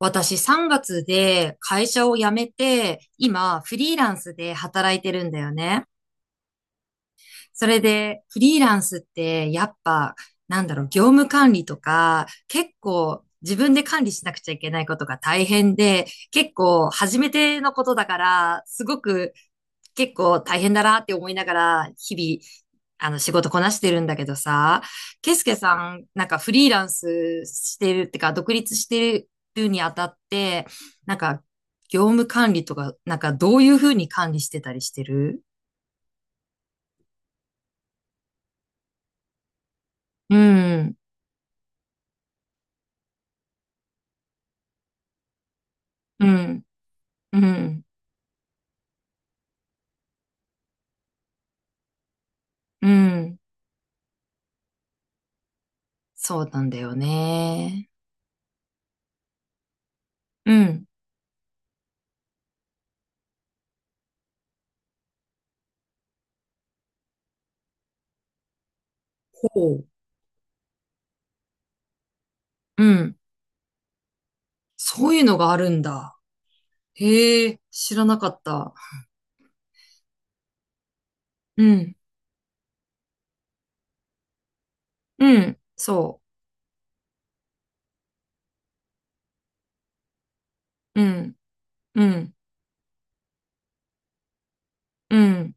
私3月で会社を辞めて、今フリーランスで働いてるんだよね。それで、フリーランスって、やっぱ、なんだろう、業務管理とか、結構、自分で管理しなくちゃいけないことが大変で、結構、初めてのことだから、すごく、結構大変だなって思いながら、日々、仕事こなしてるんだけどさ、ケイスケさん、なんかフリーランスしてるってか、独立してるにあたって、なんか、業務管理とか、なんか、どういうふうに管理してたりしてる？うん、うん。うん、うん。そうなんだよね。うん、ほう。うん。そういうのがあるんだ。へえ、知らなかった。うん、うん、そう。うん、うん、うん、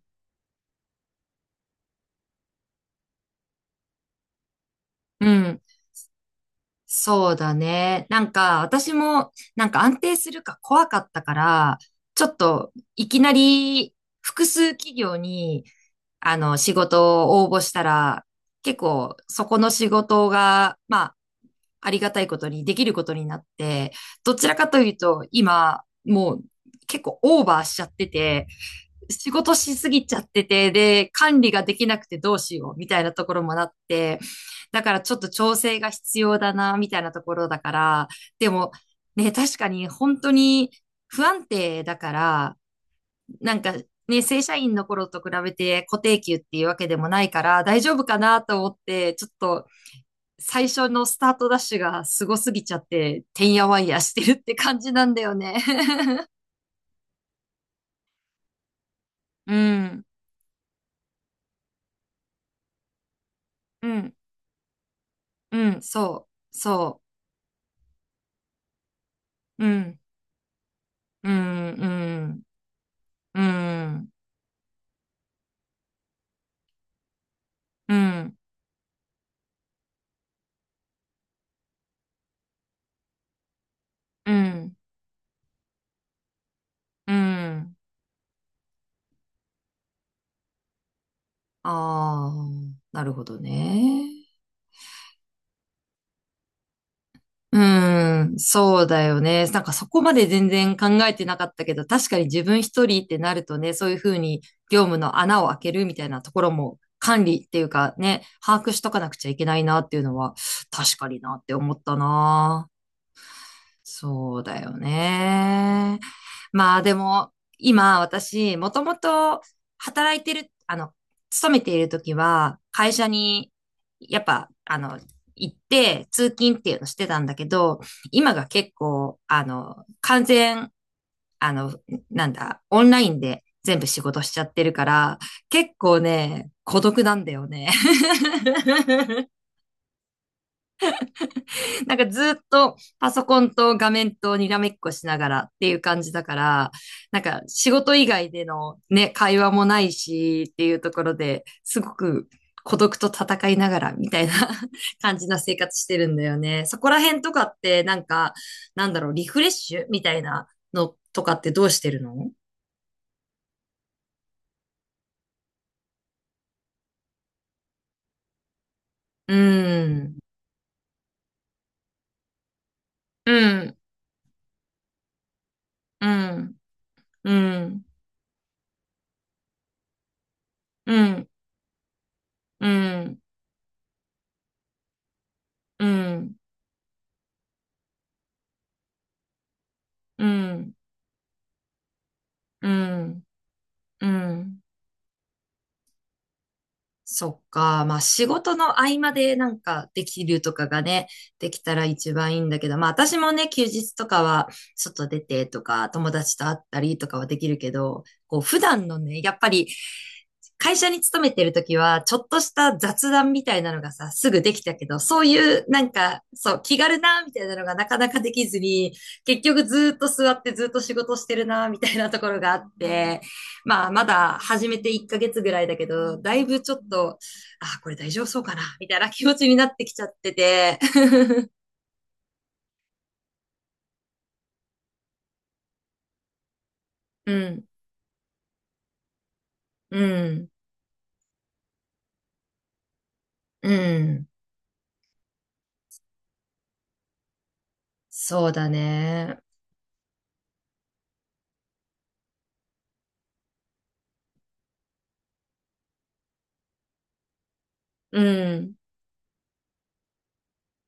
うん。そうだね。なんか、私も、なんか安定するか怖かったから、ちょっと、いきなり、複数企業に、仕事を応募したら、結構、そこの仕事が、まあ、ありがたいことにできることになって、どちらかというと、今、もう結構オーバーしちゃってて、仕事しすぎちゃってて、で、管理ができなくてどうしようみたいなところもなって、だからちょっと調整が必要だな、みたいなところだから、でも、ね、確かに本当に不安定だから、なんかね、正社員の頃と比べて固定給っていうわけでもないから大丈夫かなと思って、ちょっと最初のスタートダッシュがすごすぎちゃって、てんやわんやしてるって感じなんだよね。うん、うん、うん、そう、そう、うん、うん、うん、うん、うん、うん、うん。ああ、なるほどね。うーん、そうだよね。なんかそこまで全然考えてなかったけど、確かに自分一人ってなるとね、そういうふうに業務の穴を開けるみたいなところも管理っていうかね、把握しとかなくちゃいけないなっていうのは、確かになって思ったな。そうだよね。まあでも、今私、もともと働いてる、勤めている時は、会社に、やっぱ、行って、通勤っていうのしてたんだけど、今が結構、完全、あの、なんだ、オンラインで全部仕事しちゃってるから、結構ね、孤独なんだよね。なんかずっとパソコンと画面とにらめっこしながらっていう感じだから、なんか仕事以外でのね、会話もないしっていうところですごく孤独と戦いながらみたいな 感じな生活してるんだよね。そこら辺とかってなんか、なんだろう、リフレッシュみたいなのとかってどうしてるの？うん、うん、うん、うん、うん、うん、うん、うん、うん、うん。そっか。まあ仕事の合間でなんかできるとかがね、できたら一番いいんだけど、まあ私もね、休日とかは外出てとか、友達と会ったりとかはできるけど、こう普段のね、やっぱり会社に勤めてるときは、ちょっとした雑談みたいなのがさ、すぐできたけど、そういうなんか、そう、気軽な、みたいなのがなかなかできずに、結局ずーっと座ってずーっと仕事してるな、みたいなところがあって、まあ、まだ始めて1ヶ月ぐらいだけど、だいぶちょっと、あ、これ大丈夫そうかな、みたいな気持ちになってきちゃってて。うん、うん、うん。そうだね。うん、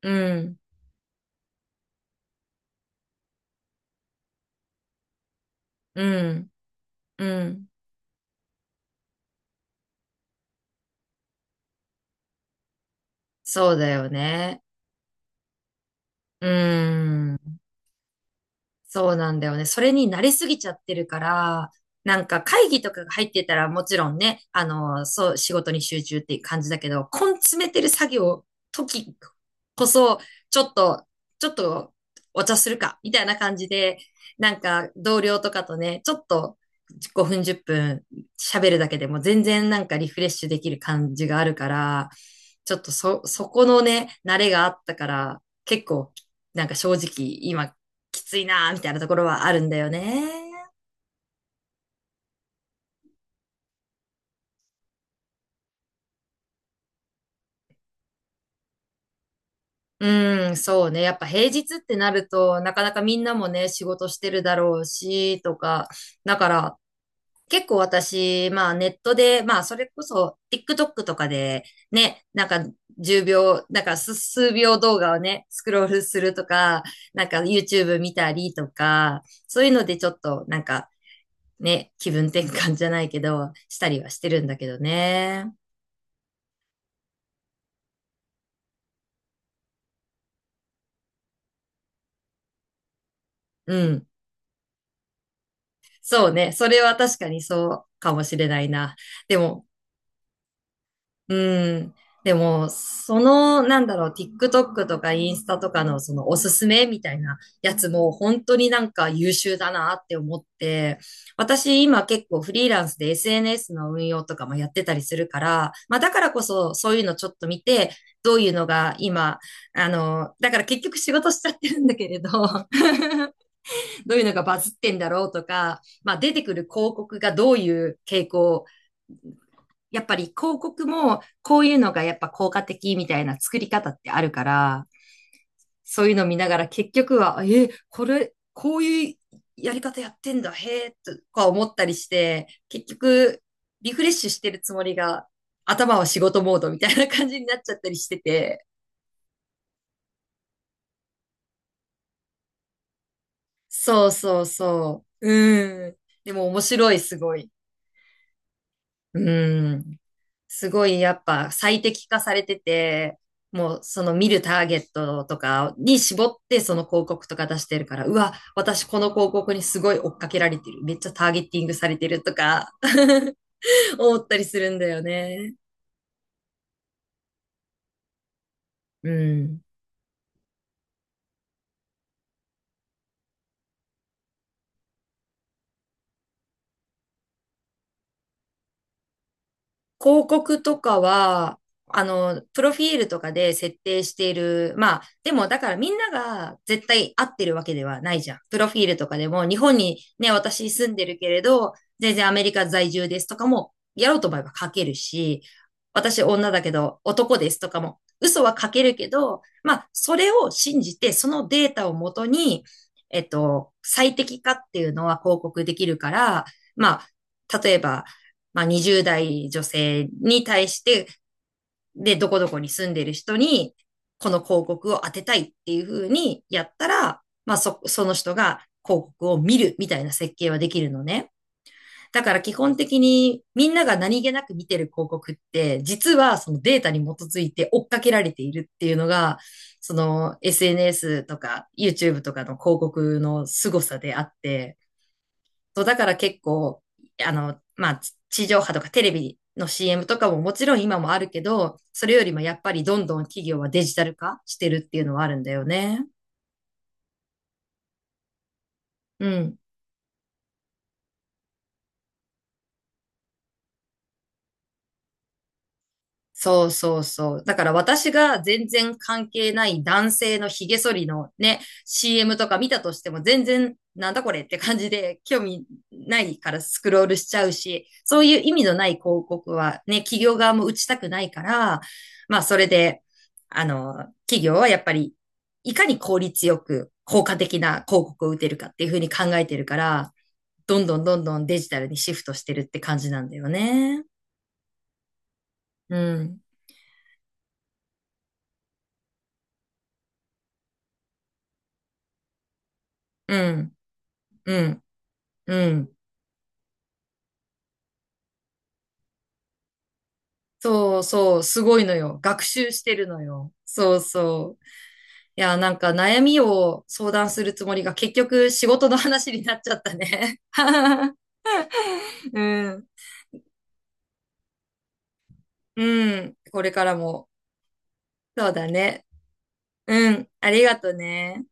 うん、うん、うん。そうだよね。うん。そうなんだよね。それに慣れすぎちゃってるから、なんか会議とかが入ってたらもちろんね、そう、仕事に集中っていう感じだけど、根詰めてる作業、時こそ、ちょっと、ちょっとお茶するか、みたいな感じで、なんか同僚とかとね、ちょっと5分10分喋るだけでも全然なんかリフレッシュできる感じがあるから、ちょっとそこのね、慣れがあったから、結構、なんか正直、今、きついなーみたいなところはあるんだよね。うん、そうね。やっぱ平日ってなると、なかなかみんなもね、仕事してるだろうし、とか。だから、結構私、まあネットで、まあそれこそ TikTok とかで、ね、なんか10秒、なんか数秒動画をね、スクロールするとか、なんか YouTube 見たりとか、そういうのでちょっとなんかね、気分転換じゃないけど、したりはしてるんだけどね。うん。そうね。それは確かにそうかもしれないな。でも、うん。でも、その、なんだろう、TikTok とかインスタとかのそのおすすめみたいなやつも本当になんか優秀だなって思って、私今結構フリーランスで SNS の運用とかもやってたりするから、まあだからこそそういうのちょっと見て、どういうのが今、だから結局仕事しちゃってるんだけれど、どういうのがバズってんだろうとか、まあ出てくる広告がどういう傾向、やっぱり広告もこういうのがやっぱ効果的みたいな作り方ってあるから、そういうの見ながら結局は、え、これ、こういうやり方やってんだ、へえ、とか思ったりして、結局リフレッシュしてるつもりが頭は仕事モードみたいな感じになっちゃったりしてて、そうそうそう。うん。でも面白い、すごい。うん。すごいやっぱ最適化されてて、もうその見るターゲットとかに絞ってその広告とか出してるから、うわ、私この広告にすごい追っかけられてる。めっちゃターゲティングされてるとか 思ったりするんだよね。うん。広告とかは、プロフィールとかで設定している。まあ、でもだからみんなが絶対合ってるわけではないじゃん。プロフィールとかでも、日本にね、私住んでるけれど、全然アメリカ在住ですとかも、やろうと思えば書けるし、私女だけど男ですとかも、嘘は書けるけど、まあ、それを信じて、そのデータをもとに、えっと、最適化っていうのは広告できるから、まあ、例えば、まあ、20代女性に対して、で、どこどこに住んでる人に、この広告を当てたいっていう風にやったら、まあ、その人が広告を見るみたいな設計はできるのね。だから基本的にみんなが何気なく見てる広告って、実はそのデータに基づいて追っかけられているっていうのが、その SNS とか YouTube とかの広告の凄さであって、そう、だから結構、あの、まあ、地上波とかテレビの CM とかももちろん今もあるけど、それよりもやっぱりどんどん企業はデジタル化してるっていうのはあるんだよね。うん。そうそうそう。だから私が全然関係ない男性の髭剃りのね、CM とか見たとしても全然なんだこれって感じで興味ないからスクロールしちゃうし、そういう意味のない広告はね、企業側も打ちたくないから、まあそれで、あの、企業はやっぱりいかに効率よく効果的な広告を打てるかっていうふうに考えてるから、どんどんどんどんデジタルにシフトしてるって感じなんだよね。うん、うん、うん。うん。そうそう、すごいのよ。学習してるのよ。そうそう。いや、なんか悩みを相談するつもりが結局仕事の話になっちゃったね。うん。うん。これからも。そうだね。うん。ありがとね。